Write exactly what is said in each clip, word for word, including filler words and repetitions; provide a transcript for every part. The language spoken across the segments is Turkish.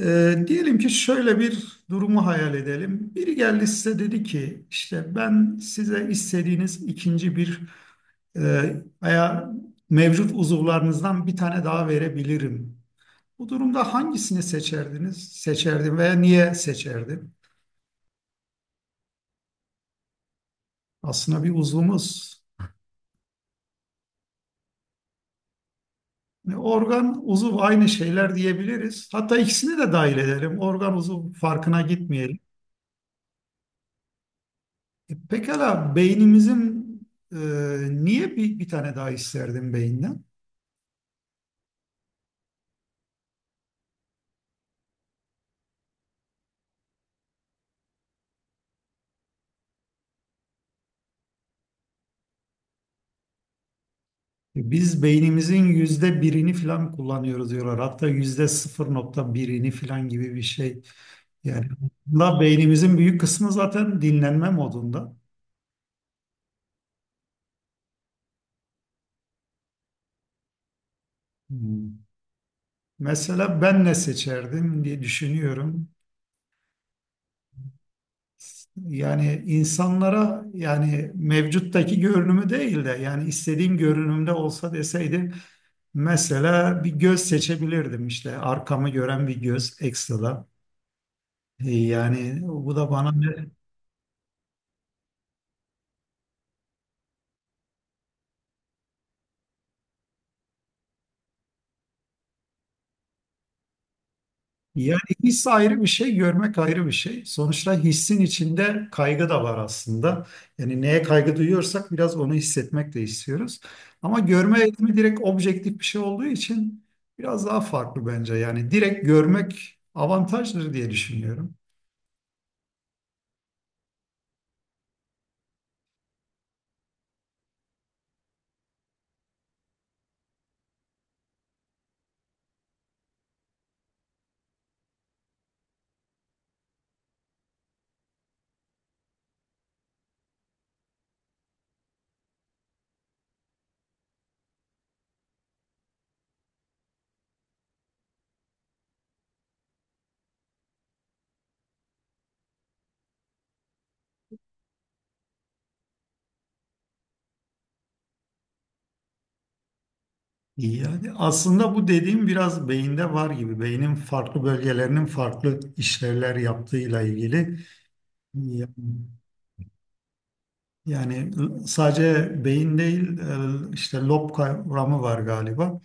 Ee, diyelim ki şöyle bir durumu hayal edelim. Biri geldi size dedi ki işte ben size istediğiniz ikinci bir e, aya mevcut uzuvlarınızdan bir tane daha verebilirim. Bu durumda hangisini seçerdiniz? Seçerdim veya niye seçerdim? Aslında bir uzvumuz. Yani organ, uzuv aynı şeyler diyebiliriz. Hatta ikisini de dahil edelim. Organ, uzuv farkına gitmeyelim. E, Pekala beynimizin e, niye bir, bir tane daha isterdim beyinden? E, Biz beynimizin yüzde birini falan kullanıyoruz diyorlar. Hatta yüzde sıfır nokta birini falan gibi bir şey. Yani aslında beynimizin büyük kısmı zaten dinlenme modunda. Hmm. Mesela ben ne seçerdim diye düşünüyorum. Yani insanlara, yani mevcuttaki görünümü değil de yani istediğim görünümde olsa deseydi. Mesela bir göz seçebilirdim, işte arkamı gören bir göz ekstra. Ee, Yani bu da bana ne? Yani his ayrı bir şey, görmek ayrı bir şey. Sonuçta hissin içinde kaygı da var aslında. Yani neye kaygı duyuyorsak biraz onu hissetmek de istiyoruz. Ama görme eğitimi direkt objektif bir şey olduğu için biraz daha farklı bence. Yani direkt görmek avantajdır diye düşünüyorum. Yani aslında bu dediğim biraz beyinde var gibi. Beynin farklı bölgelerinin farklı işlevler yaptığıyla ilgili. Yani sadece beyin değil, e, işte lob kavramı var galiba.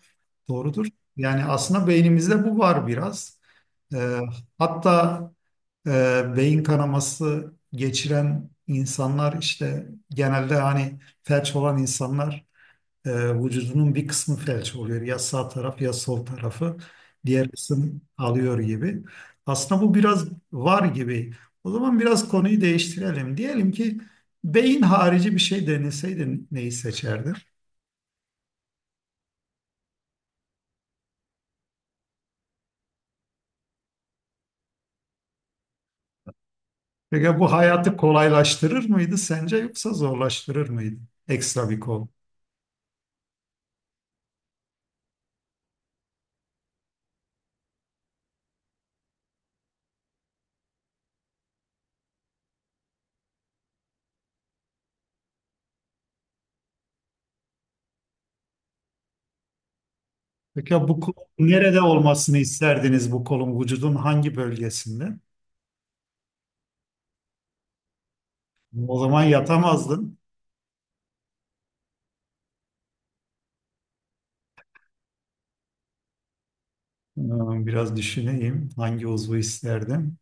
Doğrudur. Yani aslında beynimizde bu var biraz. E, Hatta e, beyin kanaması geçiren insanlar, işte genelde hani felç olan insanlar, e, vücudunun bir kısmı felç oluyor. Ya sağ taraf ya sol tarafı, diğer kısım alıyor gibi. Aslında bu biraz var gibi. O zaman biraz konuyu değiştirelim. Diyelim ki beyin harici bir şey deneseydin, neyi seçerdin? Peki bu hayatı kolaylaştırır mıydı sence, yoksa zorlaştırır mıydı? Ekstra bir kol. Peki bu kol, nerede olmasını isterdiniz bu kolun, vücudun hangi bölgesinde? O zaman yatamazdın. Ee, Biraz düşüneyim hangi uzvu isterdim.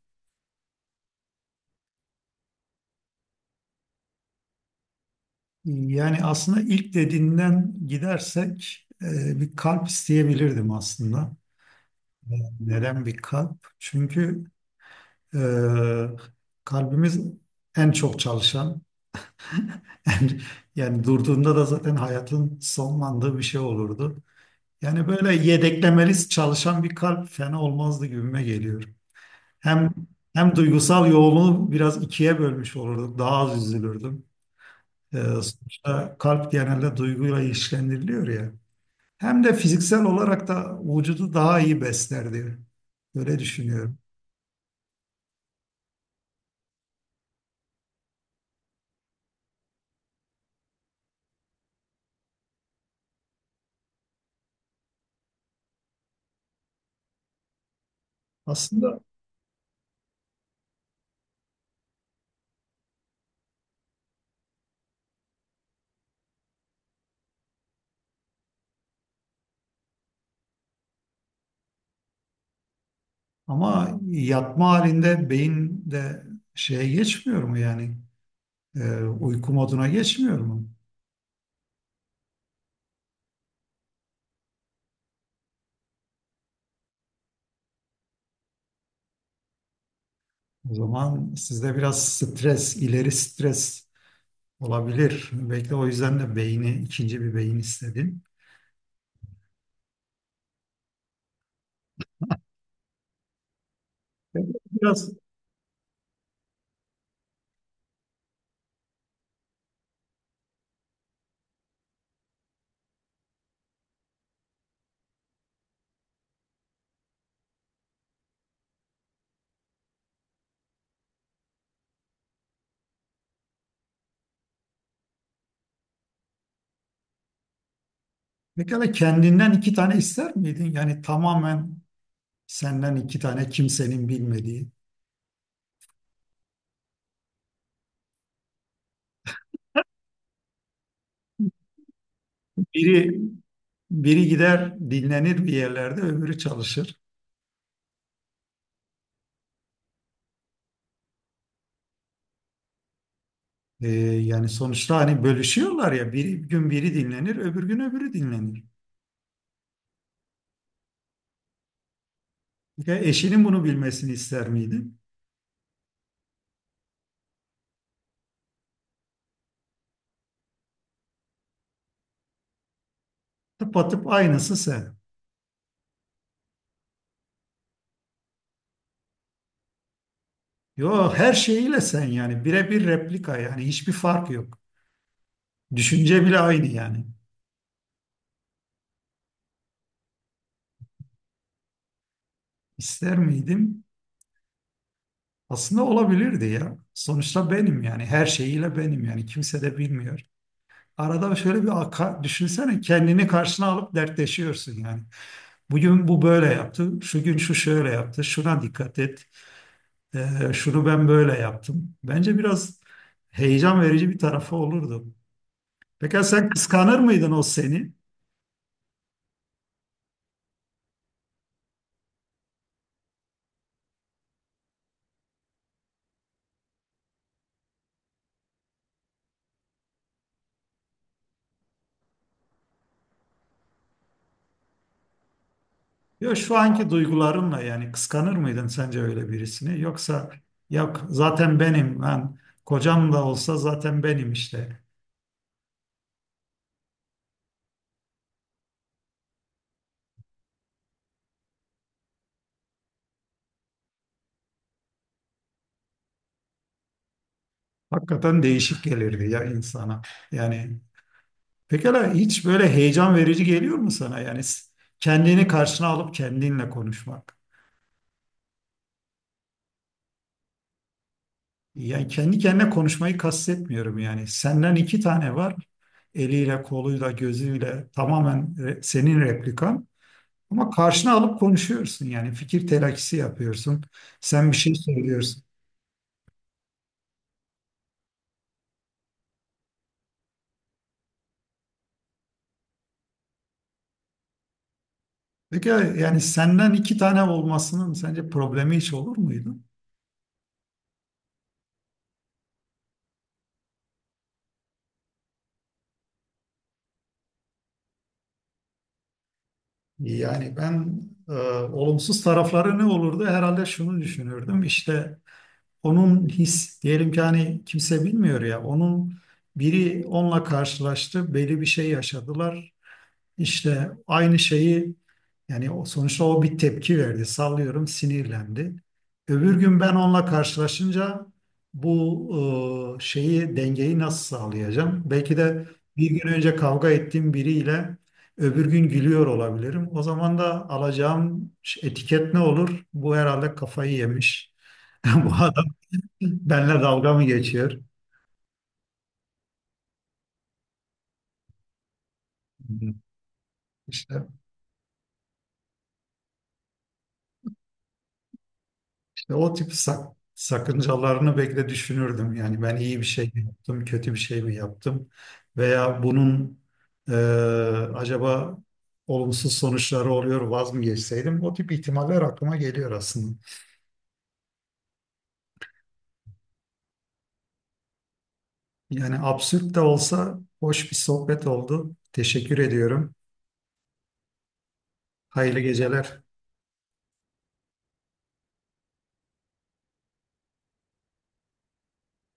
Yani aslında ilk dediğinden gidersek e, bir kalp isteyebilirdim aslında. Neden bir kalp? Çünkü e, kalbimiz en çok çalışan, en- yani durduğunda da zaten hayatın sonlandığı bir şey olurdu. Yani böyle yedeklemeli çalışan bir kalp fena olmazdı gibime geliyor. Hem hem duygusal yoğunluğu biraz ikiye bölmüş olurduk, daha az üzülürdüm. E, Sonuçta kalp genelde duyguyla ilişkilendiriliyor ya. Hem de fiziksel olarak da vücudu daha iyi besler diye. Öyle düşünüyorum. Aslında ama yatma halinde beyin de şeye geçmiyor mu yani? Ee, uyku moduna geçmiyor mu? O zaman sizde biraz stres, ileri stres olabilir. Belki o yüzden de beyni, ikinci bir beyin istedin. Biraz, pekala kendinden iki tane ister miydin? Yani tamamen senden iki tane kimsenin bilmediği. Biri Biri gider dinlenir bir yerlerde, öbürü çalışır. Ee, yani sonuçta hani bölüşüyorlar ya, bir gün biri dinlenir, öbür gün öbürü dinlenir. Ya eşinin bunu bilmesini ister miydin? Tıpatıp aynısı sen. Yo, her şeyiyle sen yani, birebir replika, yani hiçbir fark yok. Düşünce bile aynı yani. İster miydim? Aslında olabilirdi ya. Sonuçta benim yani, her şeyiyle benim yani, kimse de bilmiyor. Arada şöyle bir aka- düşünsene, kendini karşına alıp dertleşiyorsun yani. Bugün bu böyle yaptı, şu gün şu şöyle yaptı, şuna dikkat et, eee, şunu ben böyle yaptım. Bence biraz heyecan verici bir tarafı olurdu. Peki sen kıskanır mıydın o seni? Yok, şu anki duygularınla yani, kıskanır mıydın sence öyle birisini? Yoksa yok, zaten benim, ben, kocam da olsa zaten benim işte. Hakikaten değişik gelirdi ya insana. Yani pekala, hiç böyle heyecan verici geliyor mu sana? Yani s- kendini karşına alıp kendinle konuşmak. Yani kendi kendine konuşmayı kastetmiyorum yani. Senden iki tane var. Eliyle, koluyla, gözüyle tamamen re- senin replikan. Ama karşına alıp konuşuyorsun yani. Fikir telakisi yapıyorsun. Sen bir şey söylüyorsun. Peki yani senden iki tane olmasının sence problemi hiç olur muydu? Yani ben, e, olumsuz tarafları ne olurdu? Herhalde şunu düşünürdüm. İşte, onun his diyelim ki, hani kimse bilmiyor ya onun, biri onunla karşılaştı, belli bir şey yaşadılar. İşte aynı şeyi yani o, sonuçta o bir tepki verdi, sallıyorum sinirlendi. Öbür gün ben onunla karşılaşınca bu, e, şeyi, dengeyi nasıl sağlayacağım? Belki de bir gün önce kavga ettiğim biriyle öbür gün gülüyor olabilirim. O zaman da alacağım etiket ne olur? Bu herhalde kafayı yemiş. Bu adam. Benle dalga mı geçiyor? Hı. İşte, işte o tip sak- sakıncalarını bekle düşünürdüm. Yani ben iyi bir şey mi yaptım, kötü bir şey mi yaptım? Veya bunun, e, acaba olumsuz sonuçları oluyor, vaz mı geçseydim? O tip ihtimaller aklıma geliyor aslında. Yani absürt de olsa hoş bir sohbet oldu. Teşekkür ediyorum. Hayırlı geceler.